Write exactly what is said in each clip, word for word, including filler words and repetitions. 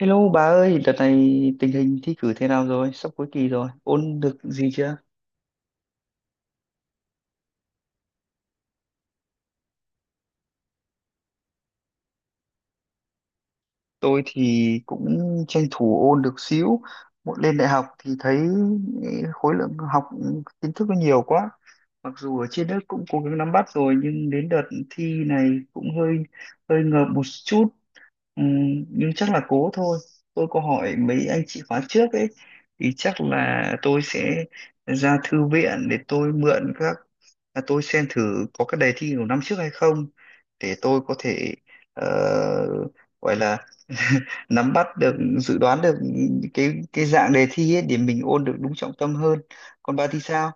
Hello bà ơi, đợt này tình hình thi cử thế nào rồi? Sắp cuối kỳ rồi, ôn được gì chưa? Tôi thì cũng tranh thủ ôn được xíu. Một lên đại học thì thấy ừ, khối lượng học kiến thức nó nhiều quá. Mặc dù ở trên lớp cũng cố gắng nắm bắt rồi nhưng đến đợt thi này cũng hơi hơi ngợp một chút. Ừm, nhưng chắc là cố thôi. Tôi có hỏi mấy anh chị khóa trước ấy thì chắc là tôi sẽ ra thư viện để tôi mượn các là tôi xem thử có cái đề thi của năm trước hay không, để tôi có thể ờ, gọi là nắm bắt được, dự đoán được cái cái dạng đề thi ấy để mình ôn được đúng trọng tâm hơn. Còn bà thì sao,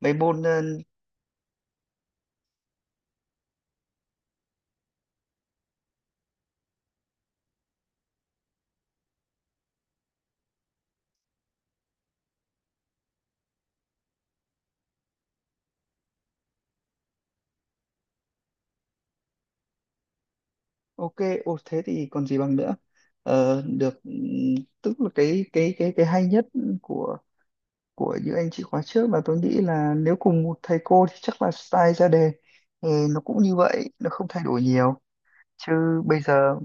mấy môn ờ, ok? Ô thế thì còn gì bằng nữa. Ờ, được. Ừm, tức là cái cái cái cái hay nhất của của những anh chị khóa trước là tôi nghĩ là nếu cùng một thầy cô thì chắc là style ra đề ừ, nó cũng như vậy, nó không thay đổi nhiều. Chứ bây giờ,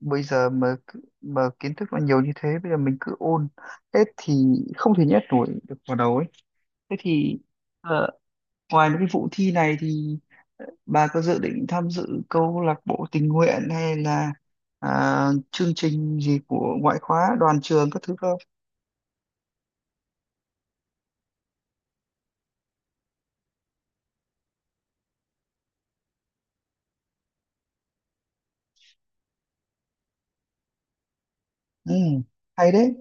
bây giờ mà cứ- mà kiến thức nó nhiều như thế, bây giờ mình cứ ôn hết thì không thể nhét nổi được vào đầu ấy. Thế thì ờ, ngoài mấy cái vụ thi này thì bà có dự định tham dự câu lạc bộ tình nguyện hay là à, chương trình gì của ngoại khóa đoàn trường các thứ không? Ừ, hay đấy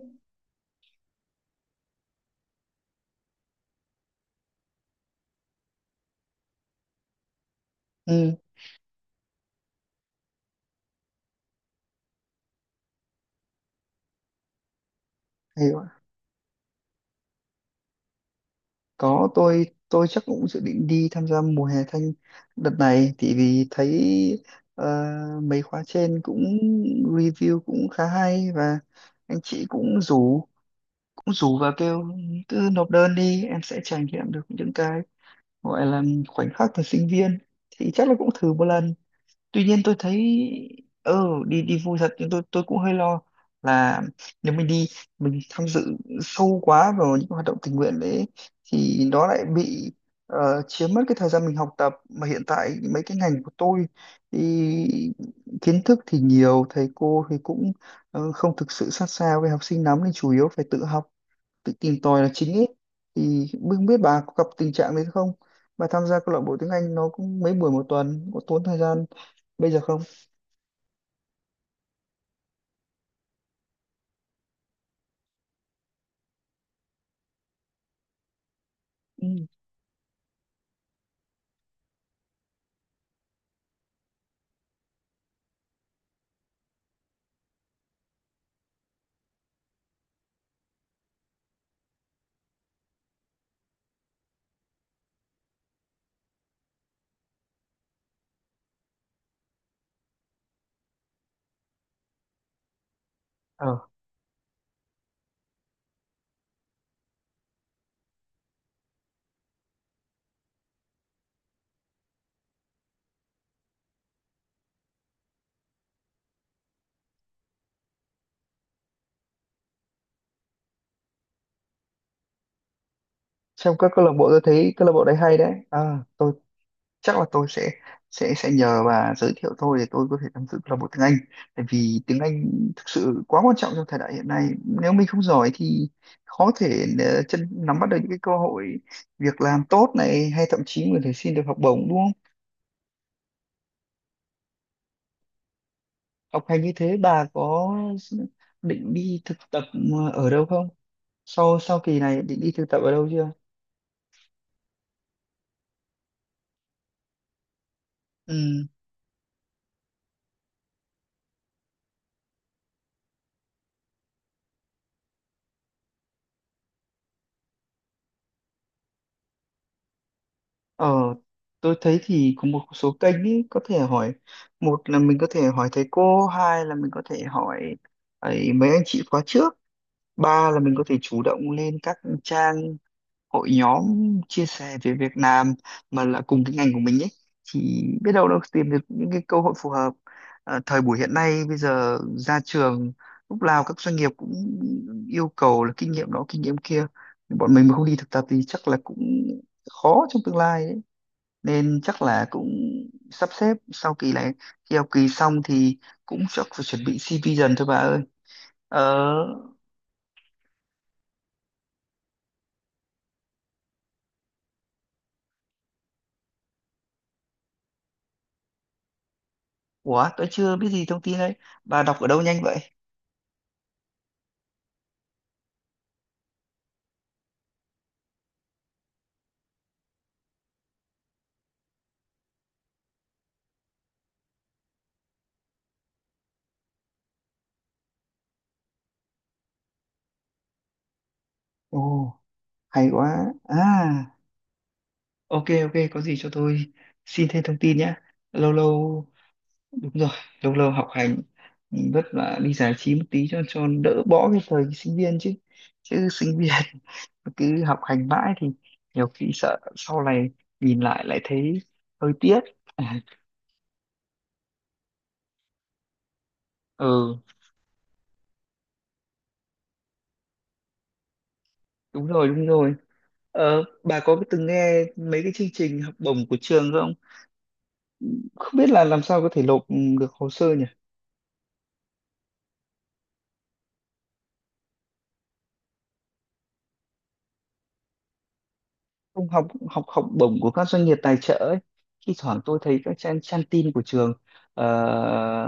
ừ, hay Có, tôi tôi chắc cũng dự định đi tham gia mùa hè thanh đợt này, thì vì thấy ờ, mấy khóa trên cũng review cũng khá hay. Và anh chị cũng rủ, cũng rủ và kêu cứ nộp đơn đi em sẽ trải nghiệm được những cái gọi là khoảnh khắc thời sinh viên, thì chắc là cũng thử một lần. Tuy nhiên tôi thấy ừ đi đi vui thật, nhưng tôi tôi cũng hơi lo là nếu mình đi, mình tham dự sâu quá vào những hoạt động tình nguyện đấy thì nó lại bị ờ, chiếm mất cái thời gian mình học tập. Mà hiện tại mấy cái ngành của tôi thì kiến thức thì nhiều, thầy cô thì cũng ờ, không thực sự sát sao với học sinh lắm nên chủ yếu phải tự học, tự tìm tòi là chính ấy. Thì không biết bà có gặp tình trạng đấy không, bà tham gia câu lạc bộ tiếng Anh nó cũng mấy buổi một tuần, có tốn thời gian bây giờ không? Ừ. ờ trong các câu lạc bộ, tôi thấy câu lạc bộ đấy hay đấy. À, tôi chắc là tôi sẽ sẽ sẽ nhờ bà giới thiệu tôi để tôi có thể tham dự câu lạc bộ tiếng Anh, tại vì tiếng Anh thực sự quá quan trọng trong thời đại hiện nay. Nếu mình không giỏi thì khó thể ờ, chân nắm bắt được những cái cơ hội việc làm tốt này, hay thậm chí mình có thể xin được học bổng, đúng. Học hành như thế, bà có định đi thực tập ờ, ở đâu không, sau sau kỳ này định đi thực tập ở đâu chưa? Ừ. ờ tôi thấy thì có một số kênh ý, có thể hỏi: một là mình có thể hỏi thầy cô, hai là mình có thể hỏi ấy, mấy anh chị khóa trước, ba là mình có thể chủ động lên các trang hội nhóm chia sẻ về Việt Nam mà là cùng cái ngành của mình ấy, thì biết đâu đâu tìm được những cái cơ hội phù hợp. Ờ, thời buổi hiện nay, bây giờ ra trường lúc nào các doanh nghiệp cũng yêu cầu là kinh nghiệm đó kinh nghiệm kia, bọn mình mà không đi thực tập thì chắc là cũng khó trong tương lai đấy. Nên chắc là cũng sắp xếp sau kỳ này, khi học kỳ xong thì cũng chắc phải chuẩn bị xê vê dần thôi bà ơi. Ờ ủa tôi chưa biết gì thông tin đấy, bà đọc ở đâu nhanh vậy? Ồ, hay quá à. Ok ok, có gì cho tôi xin thêm thông tin nhé. Lâu lâu, đúng rồi, lâu lâu học hành ừ, vất vả, đi giải trí một tí cho cho đỡ, bỏ cái thời sinh viên chứ chứ sinh viên cứ học hành mãi thì nhiều khi sợ sau này nhìn lại, lại thấy hơi tiếc. Ừ, đúng rồi đúng rồi. Ờ, bà có từng nghe mấy cái chương trình học bổng của trường không, không biết là làm sao có thể nộp được hồ sơ nhỉ? Không, học học học bổng của các doanh nghiệp tài trợ ấy, thi thoảng tôi thấy các trang trang tin của trường ờ,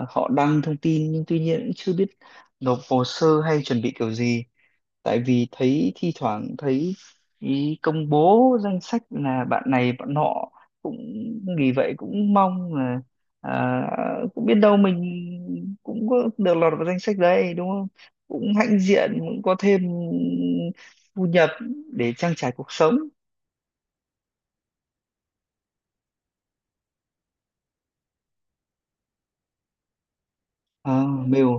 họ đăng thông tin nhưng tuy nhiên cũng chưa biết nộp hồ sơ hay chuẩn bị kiểu gì. Tại vì thấy thi thoảng thấy ý công bố danh sách là bạn này bạn nọ cũng, vì vậy cũng mong là à, cũng biết đâu mình cũng có được lọt vào danh sách đấy, đúng không? Cũng hãnh diện, cũng có thêm thu nhập để trang trải cuộc sống. À, mail,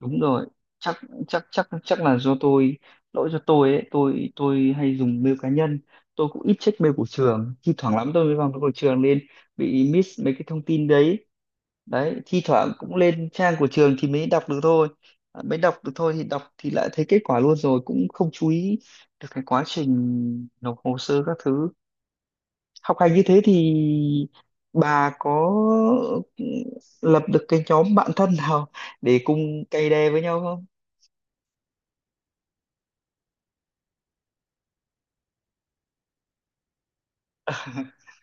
đúng rồi, chắc chắc chắc chắc là do tôi, lỗi do tôi ấy, tôi tôi hay dùng mail cá nhân. Tôi cũng ít check mail của trường, thi thoảng lắm tôi mới vào mail của trường nên bị miss mấy cái thông tin đấy. Đấy, thi thoảng cũng lên trang của trường thì mới đọc được thôi. À, mới đọc được thôi thì đọc thì lại thấy kết quả luôn rồi, cũng không chú ý được cái quá trình nộp hồ sơ các thứ. Học hành như thế thì bà có lập được cái nhóm bạn thân nào để cùng cày đè với nhau không?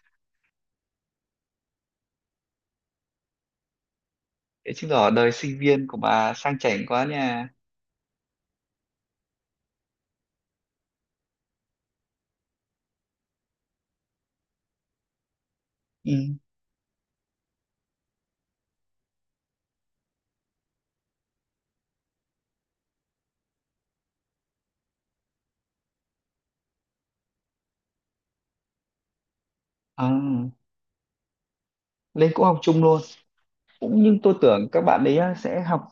Thế chứng tỏ đời sinh viên của bà sang chảnh quá nha. Ừ. À, lên cũng học chung luôn. Cũng nhưng tôi tưởng các bạn ấy á, sẽ học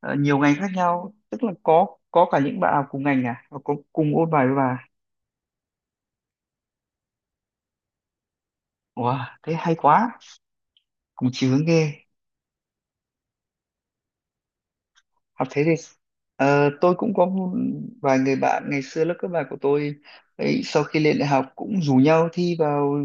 ờ, nhiều ngành khác nhau, tức là có có cả những bạn học cùng ngành à, và có cùng ôn bài với bà. Wow, thế hay quá, cùng chí hướng ghê. Học thế thì ờ, tôi cũng có một vài người bạn ngày xưa lớp cấp ba của tôi ấy, sau khi lên đại học cũng rủ nhau thi vào,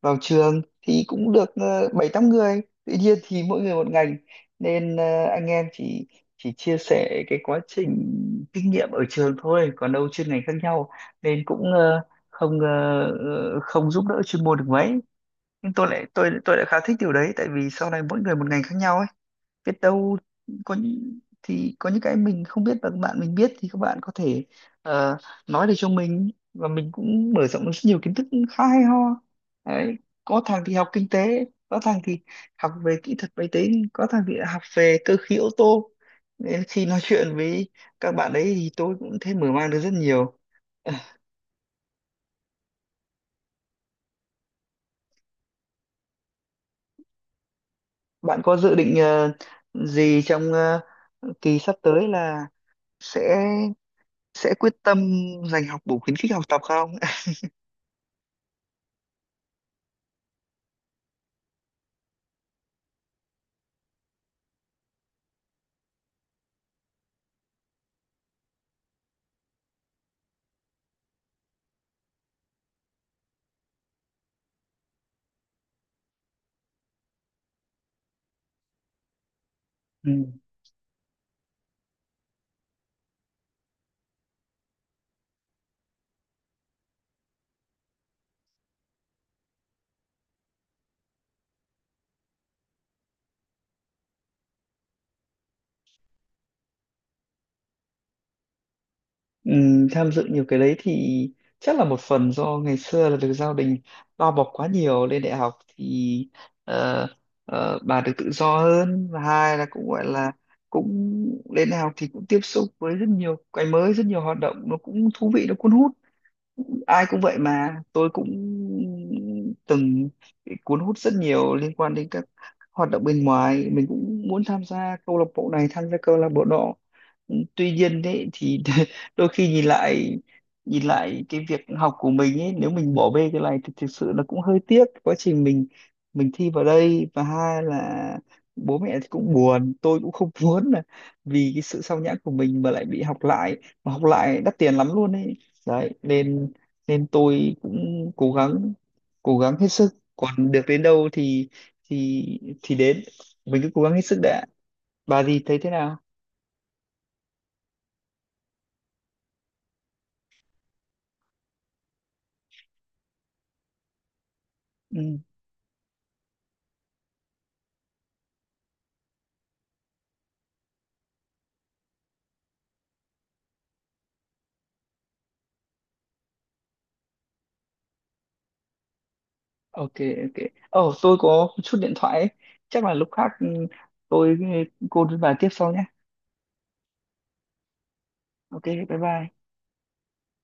vào trường thì cũng được ờ, bảy tám người, tuy nhiên thì mỗi người một ngành nên ờ, anh em chỉ chỉ chia sẻ cái quá trình kinh nghiệm ở trường thôi, còn đâu chuyên ngành khác nhau nên cũng ờ, không ờ, ờ, không giúp đỡ chuyên môn được mấy. Nhưng tôi lại tôi tôi lại khá thích điều đấy, tại vì sau này mỗi người một ngành khác nhau ấy, biết đâu có những thì có những cái mình không biết và các bạn mình biết thì các bạn có thể ờ, nói để cho mình và mình cũng mở rộng được rất nhiều kiến thức, khá hay ho đấy. Có thằng thì học kinh tế, có thằng thì học về kỹ thuật máy tính, có thằng thì học về cơ khí ô tô, nên khi nói chuyện với các bạn ấy thì tôi cũng thấy mở mang được rất nhiều. Bạn có dự định ờ, gì trong ờ, kỳ sắp tới là sẽ sẽ quyết tâm dành học bổng khuyến khích học tập không? Ừ. Ừ, tham dự nhiều cái đấy thì chắc là một phần do ngày xưa là được gia đình bao bọc quá nhiều. Lên đại học thì ờ, ờ, bà được tự do hơn, và hai là cũng gọi là, cũng lên đại học thì cũng tiếp xúc với rất nhiều cái mới, rất nhiều hoạt động nó cũng thú vị, nó cuốn hút. Ai cũng vậy mà, tôi cũng từng bị cuốn hút rất nhiều liên quan đến các hoạt động bên ngoài, mình cũng muốn tham gia câu lạc bộ này, tham gia câu lạc bộ nọ. Tuy nhiên đấy thì, đôi khi nhìn lại, nhìn lại cái việc học của mình ấy, nếu mình bỏ bê cái này thì thực sự nó cũng hơi tiếc quá trình mình, mình thi vào đây. Và hai là bố mẹ thì cũng buồn, tôi cũng không muốn là vì cái sự sao nhãng của mình mà lại bị học lại, mà học lại đắt tiền lắm luôn ấy. Đấy nên nên tôi cũng cố gắng, cố gắng hết sức, còn được đến đâu thì thì thì đến, mình cứ cố gắng hết sức đã. Bà gì thấy thế nào? Ừ. Ok ok. Ồ, tôi có chút điện thoại ấy. Chắc là lúc khác ừ, tôi, ừ, cô và tiếp sau nhé. Ok bye bye.